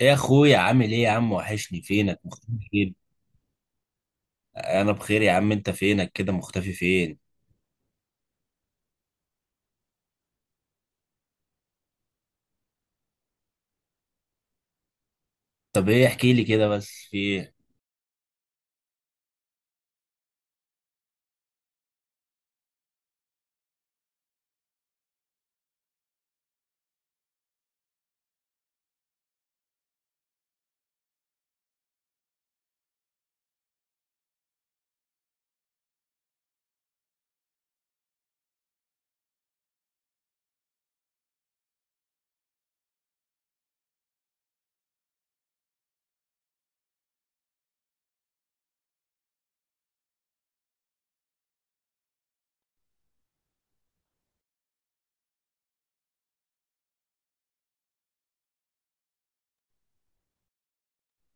ايه يا اخويا، عامل ايه يا عم؟ وحشني، فينك مختفي فين؟ انا بخير يا عم. انت فينك كده مختفي فين؟ طب ايه، احكي لي كده بس، في ايه؟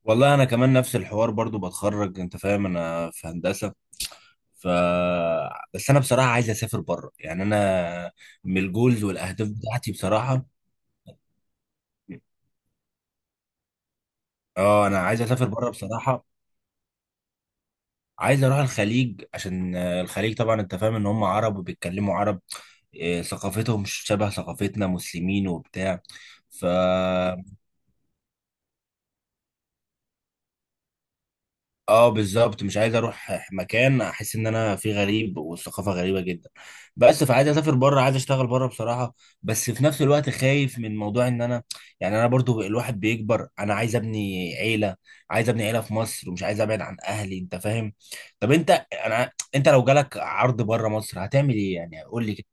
والله انا كمان نفس الحوار، برضو بتخرج انت فاهم. انا في هندسة. ف بس انا بصراحة عايز اسافر بره، يعني انا من الجولز والاهداف بتاعتي بصراحة. اه، انا عايز اسافر بره بصراحة. عايز اروح الخليج عشان الخليج طبعا انت فاهم ان هم عرب وبيتكلموا عرب. ثقافتهم مش شبه ثقافتنا، مسلمين وبتاع. ف اه، بالظبط. مش عايز اروح مكان احس ان انا فيه غريب والثقافه غريبه جدا. بس فعايز اسافر بره، عايز اشتغل بره بصراحه. بس في نفس الوقت خايف من موضوع ان انا، يعني انا برضو الواحد بيكبر، انا عايز ابني عيله. عايز ابني عيله في مصر ومش عايز ابعد عن اهلي، انت فاهم. طب انت لو جالك عرض بره مصر هتعمل ايه يعني؟ قول لي.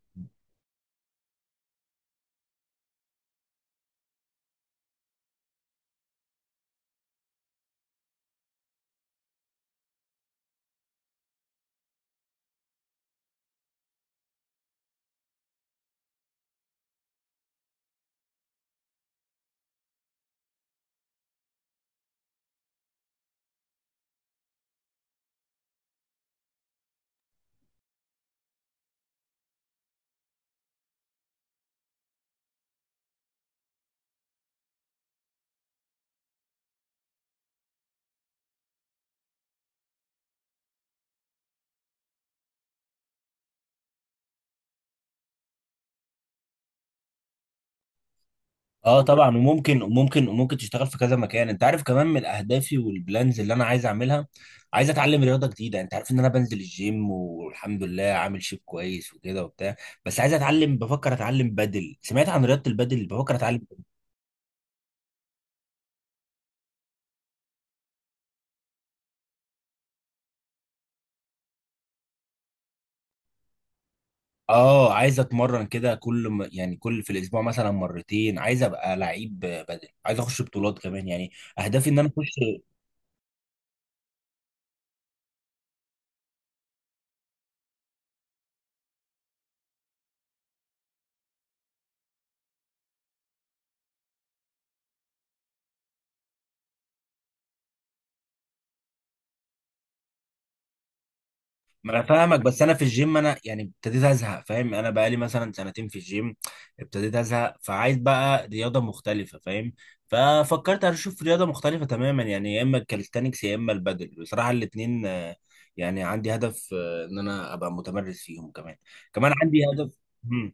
اه طبعا، وممكن وممكن وممكن تشتغل في كذا مكان. انت عارف كمان من اهدافي والبلانز اللي انا عايز اعملها، عايز اتعلم رياضه جديده. انت عارف ان انا بنزل الجيم والحمد لله عامل شيب كويس وكده وبتاع. بس عايز اتعلم، بفكر اتعلم بدل، سمعت عن رياضه البدل بفكر اتعلم. اه، عايز اتمرن كده يعني كل في الاسبوع مثلا مرتين، عايز ابقى لعيب بدل، عايز اخش بطولات كمان يعني. اهدافي ان انا اخش. ما انا فاهمك، بس انا في الجيم انا يعني ابتديت ازهق فاهم. انا بقالي مثلا سنتين في الجيم، ابتديت ازهق، فعايز بقى رياضه مختلفه فاهم. ففكرت اشوف رياضه مختلفه تماما، يعني يا اما الكاليستانكس يا اما البادل بصراحه الاثنين. يعني عندي هدف، ان انا ابقى متمرس فيهم كمان. كمان عندي هدف. مم.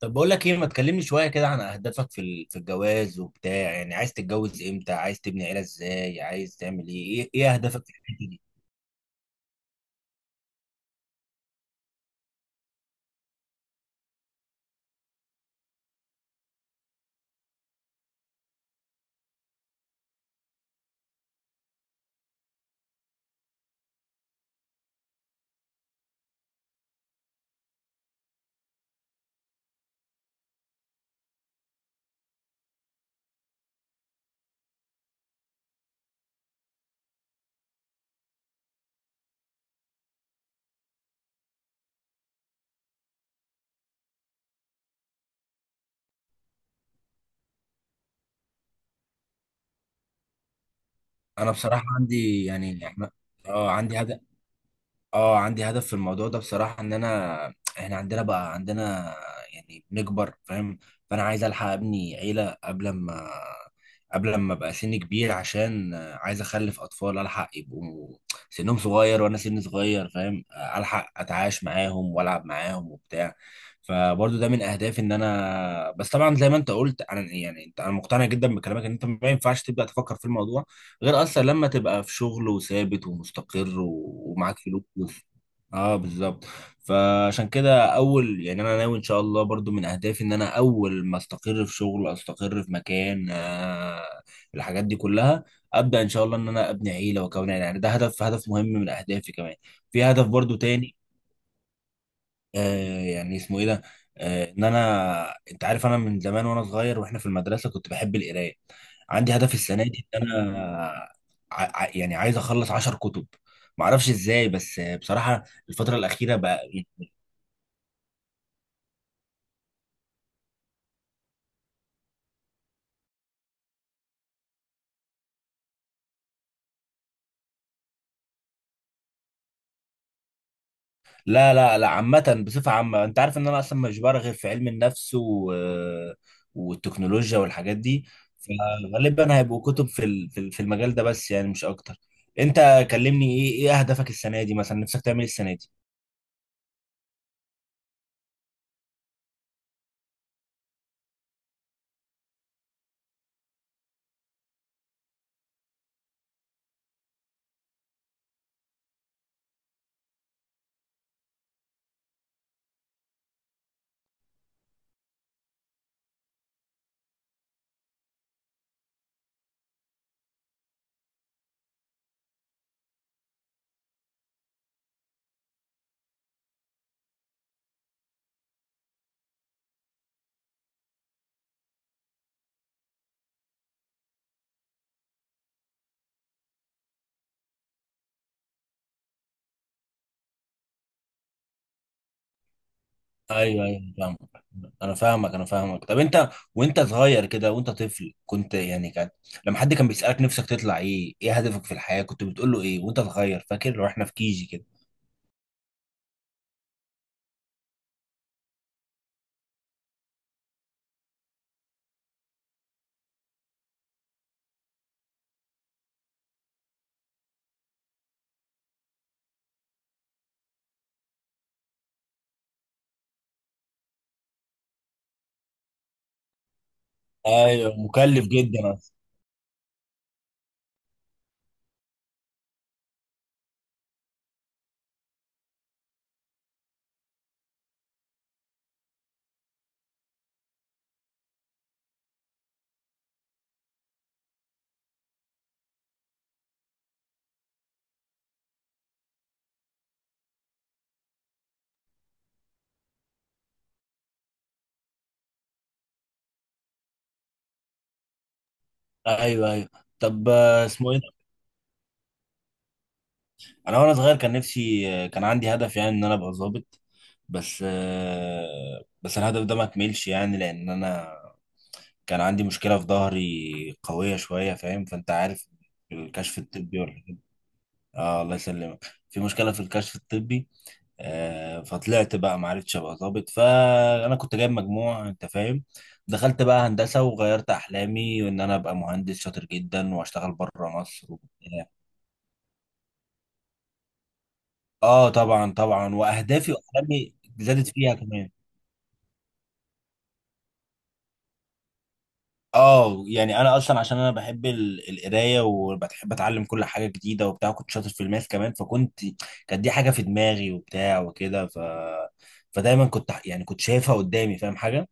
طب بقول لك ايه، ما تكلمني شويه كده عن اهدافك في في الجواز وبتاع؟ يعني عايز تتجوز امتى، عايز تبني عيله ازاي، عايز تعمل ايه؟ إيه اهدافك في الحياة؟ انا بصراحه عندي، يعني احنا، اه عندي هدف. اه، عندي هدف في الموضوع ده بصراحه. ان انا، احنا عندنا بقى عندنا، يعني بنكبر فاهم. فانا عايز الحق ابني عيله قبل ما، قبل ما ابقى سني كبير. عشان عايز اخلف اطفال الحق يبقوا سنهم صغير وانا سني صغير فاهم. الحق اتعايش معاهم والعب معاهم وبتاع. فبرضو ده من اهدافي ان انا، بس طبعا زي ما انت قلت، انا يعني، انت، انا مقتنع جدا بكلامك ان انت ما ينفعش تبدا تفكر في الموضوع غير اصلا لما تبقى في شغل وثابت ومستقر ومعاك فلوس. اه، بالظبط. فعشان كده اول، يعني انا ناوي ان شاء الله برضو من اهدافي ان انا اول ما استقر في شغل، استقر في مكان. الحاجات دي كلها، ابدا ان شاء الله ان انا ابني عيله واكون عيله. يعني ده هدف، هدف مهم من اهدافي كمان. في هدف برضو تاني. يعني اسمه ايه ده، ان انا، انت عارف انا من زمان وانا صغير واحنا في المدرسه كنت بحب القرايه. عندي هدف السنه دي ان انا يعني عايز اخلص 10 كتب. ما اعرفش ازاي، بس بصراحه الفتره الاخيره بقى يعني. لا، لا، لا، عامه، بصفه عامه انت عارف ان انا اصلا مش بقرا غير في علم النفس والتكنولوجيا والحاجات دي. فغالبا هيبقوا كتب في في المجال ده بس، يعني مش اكتر. انت كلمني، ايه اهدافك السنه دي؟ مثلا نفسك تعمل إيه السنه دي؟ ايوه، ايوه. أنا فاهمك، انا فاهمك، انا فاهمك. طب انت وانت صغير كده وانت طفل كنت، يعني كان لما حد كان بيسألك نفسك تطلع ايه، ايه هدفك في الحياة، كنت بتقول له ايه وانت صغير؟ فاكر واحنا في كيجي كده؟ ايوه، مكلف جدا أصلا. ايوه ايوه. طب اسمه ايه ده؟ انا وانا صغير كان نفسي، كان عندي هدف يعني ان انا ابقى ظابط. بس الهدف ده ما كملش يعني. لان انا كان عندي مشكلة في ظهري قوية شوية فاهم، فانت عارف الكشف الطبي ولا. اه، الله يسلمك، في مشكله في الكشف الطبي. فطلعت بقى ما عرفتش ابقى ظابط. فانا كنت جايب مجموع انت فاهم. دخلت بقى هندسه وغيرت احلامي، وان انا ابقى مهندس شاطر جدا واشتغل بره مصر وبتاع. اه طبعا، طبعا، واهدافي واحلامي زادت فيها كمان. اه يعني انا اصلا عشان انا بحب القرايه وبحب اتعلم كل حاجه جديده وبتاع. كنت شاطر في الماث كمان، فكنت، كانت دي حاجه في دماغي وبتاع وكده. فدايما كنت، يعني كنت شايفها قدامي فاهم حاجه.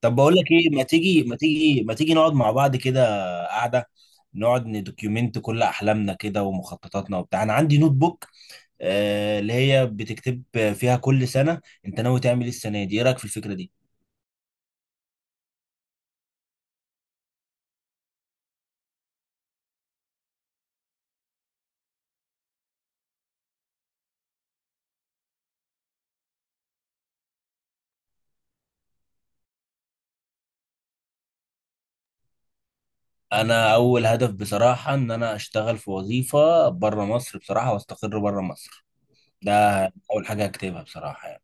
طب بقول لك ايه، ما تيجي ما تيجي ما تيجي نقعد مع بعض كده، قاعده، نقعد ندوكيومنت كل احلامنا كده ومخططاتنا وبتاع. انا عندي نوت بوك، آه اللي هي بتكتب فيها كل سنه انت ناوي تعمل إيه السنه دي. ايه رايك في الفكره دي؟ انا اول هدف بصراحه ان انا اشتغل في وظيفه بره مصر بصراحه، واستقر بره مصر. ده اول حاجه هكتبها بصراحه يعني.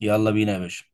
يلا بينا يا باشا.